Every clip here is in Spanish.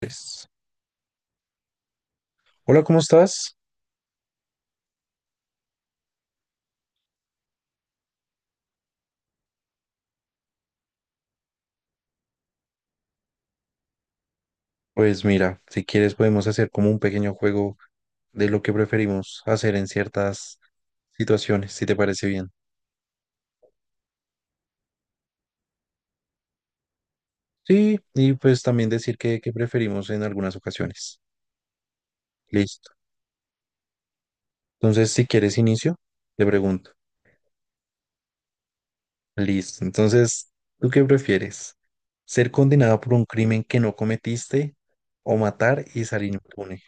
Pues, hola, ¿cómo estás? Pues mira, si quieres podemos hacer como un pequeño juego de lo que preferimos hacer en ciertas situaciones, si te parece bien. Sí, y pues también decir que preferimos en algunas ocasiones. Listo. Entonces, si quieres inicio, te pregunto. Listo. Entonces, ¿tú qué prefieres? ¿Ser condenado por un crimen que no cometiste o matar y salir impune?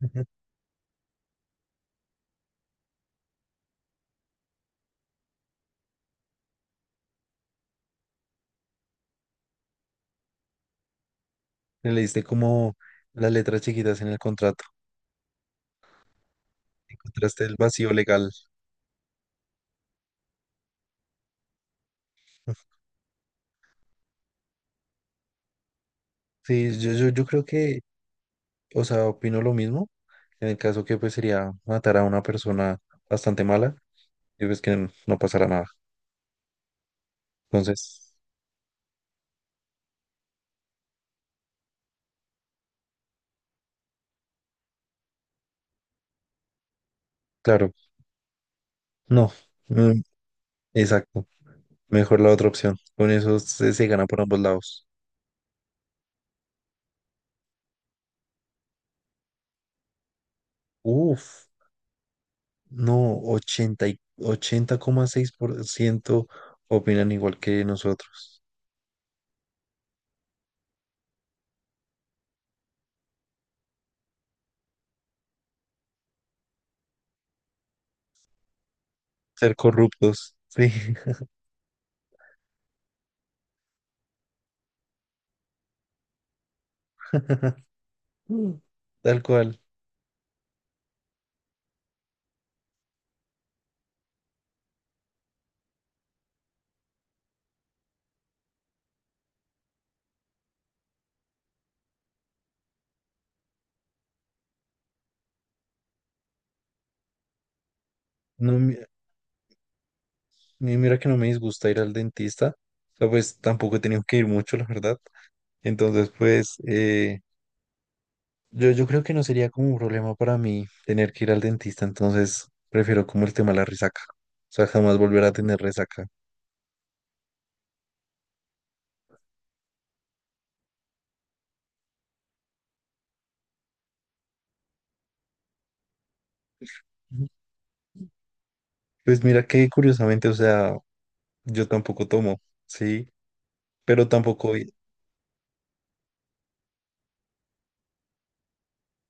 Ujú. Le diste como las letras chiquitas en el contrato. Encontraste el vacío legal. Sí, yo creo que, o sea, opino lo mismo, en el caso que pues sería matar a una persona bastante mala y pues que no pasará nada. Entonces, claro, no, mm, exacto, mejor la otra opción. Con eso se gana por ambos lados. Uf, no, 80,6% opinan igual que nosotros. Ser corruptos, sí. Mm, tal cual. No, y mira que no me disgusta ir al dentista, o sea, pues tampoco he tenido que ir mucho, la verdad. Entonces, pues yo creo que no sería como un problema para mí tener que ir al dentista, entonces prefiero como el tema de la resaca, o sea, jamás volver a tener resaca. Ujú. Pues mira que curiosamente, o sea, yo tampoco tomo, ¿sí? Pero tampoco,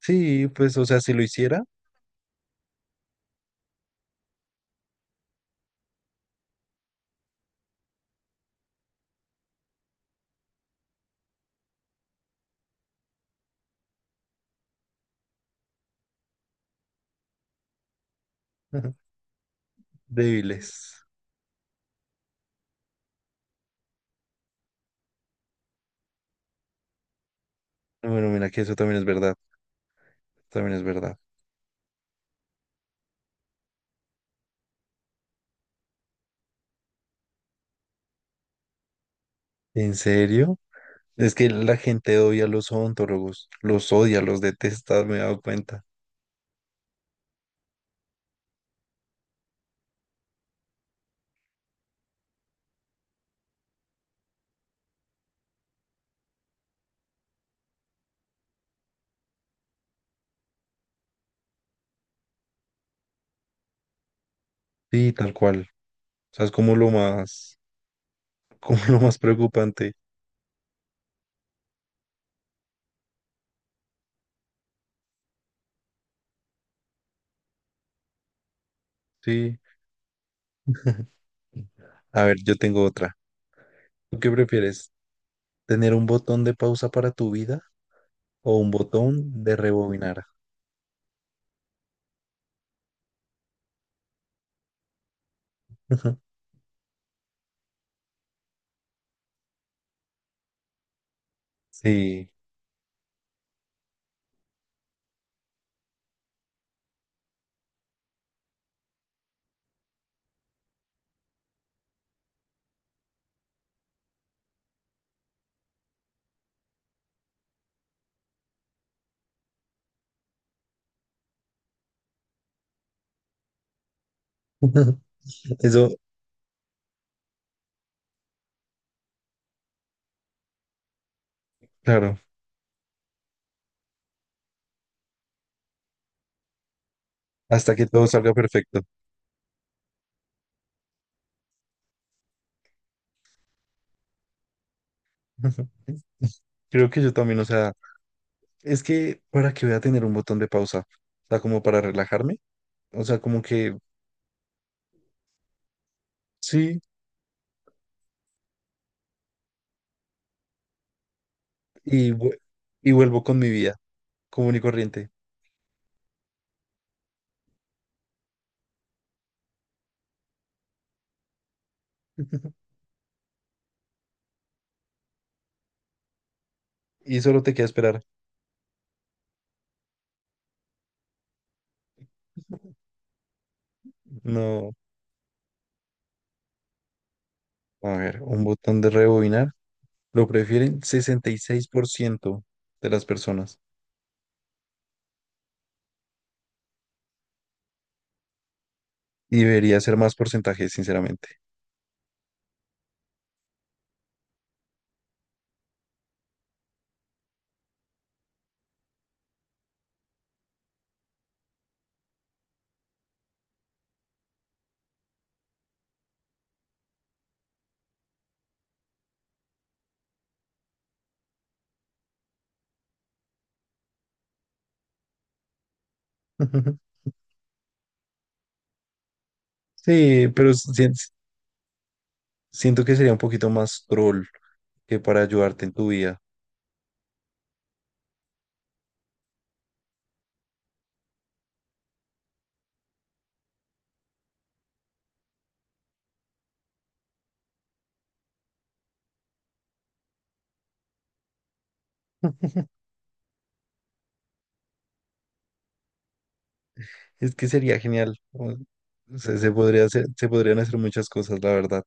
sí, pues, o sea, si lo hiciera, débiles. Bueno, mira que eso también es verdad, también es verdad. ¿En serio? Es que la gente odia a los odontólogos, los odia, los detesta, me he dado cuenta. Sí, tal cual. O sea, es como lo más, como lo más preocupante. Sí. A ver, yo tengo otra. ¿Tú qué prefieres? ¿Tener un botón de pausa para tu vida o un botón de rebobinar? Sí. Eso, claro, hasta que todo salga perfecto. Creo que yo también, o sea, es que para que voy a tener un botón de pausa, o sea, como para relajarme, o sea, como que sí, y, vu- y vuelvo con mi vida común y corriente. Y solo te queda esperar. No. A ver, un botón de rebobinar. Lo prefieren 66% de las personas. Y debería ser más porcentaje, sinceramente. Sí, pero siento que sería un poquito más troll que para ayudarte en tu vida. Es que sería genial. O sea, se podrían hacer muchas cosas, la verdad.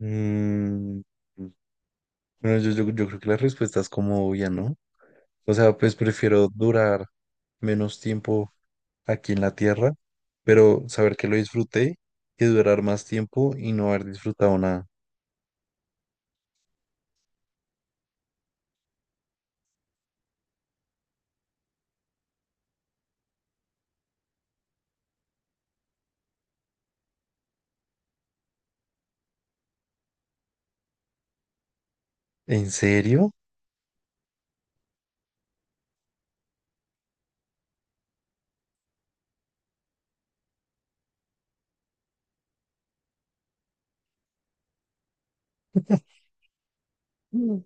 Mm, bueno, yo creo que la respuesta es como obvia, ¿no? O sea, pues prefiero durar menos tiempo aquí en la tierra, pero saber que lo disfruté que durar más tiempo y no haber disfrutado nada. ¿En serio? Mm.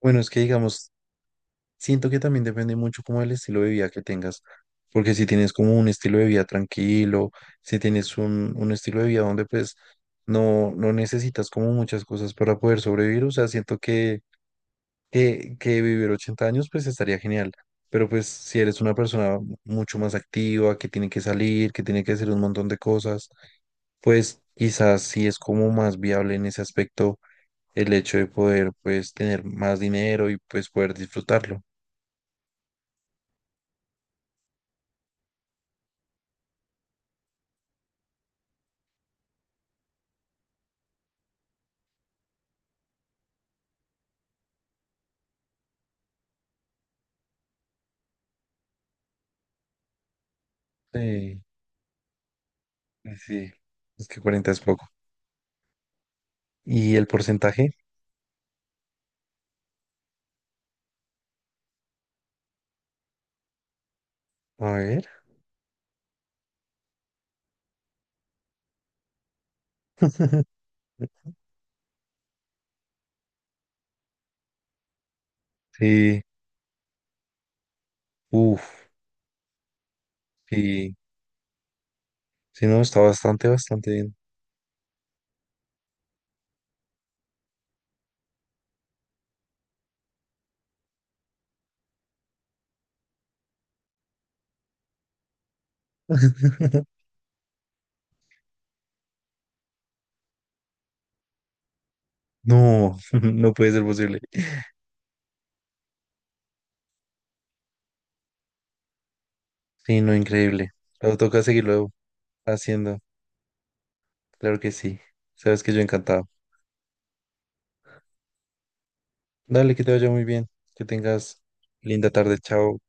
Bueno, es que digamos, siento que también depende mucho como el estilo de vida que tengas, porque si tienes como un estilo de vida tranquilo, si tienes un estilo de vida donde pues no, no necesitas como muchas cosas para poder sobrevivir, o sea, siento que que vivir 80 años pues estaría genial, pero pues si eres una persona mucho más activa, que tiene que salir, que tiene que hacer un montón de cosas, pues quizás sí es como más viable en ese aspecto el hecho de poder pues tener más dinero y pues poder disfrutarlo. Sí, sí, sí, es que 40 es poco. ¿Y el porcentaje? A ver. Sí, uff, sí, sí, no, está bastante, bastante bien. No, no puede ser posible. Sí, no, increíble. Pero toca seguirlo haciendo. Claro que sí. Sabes que yo encantado. Dale, que te vaya muy bien. Que tengas linda tarde. Chao.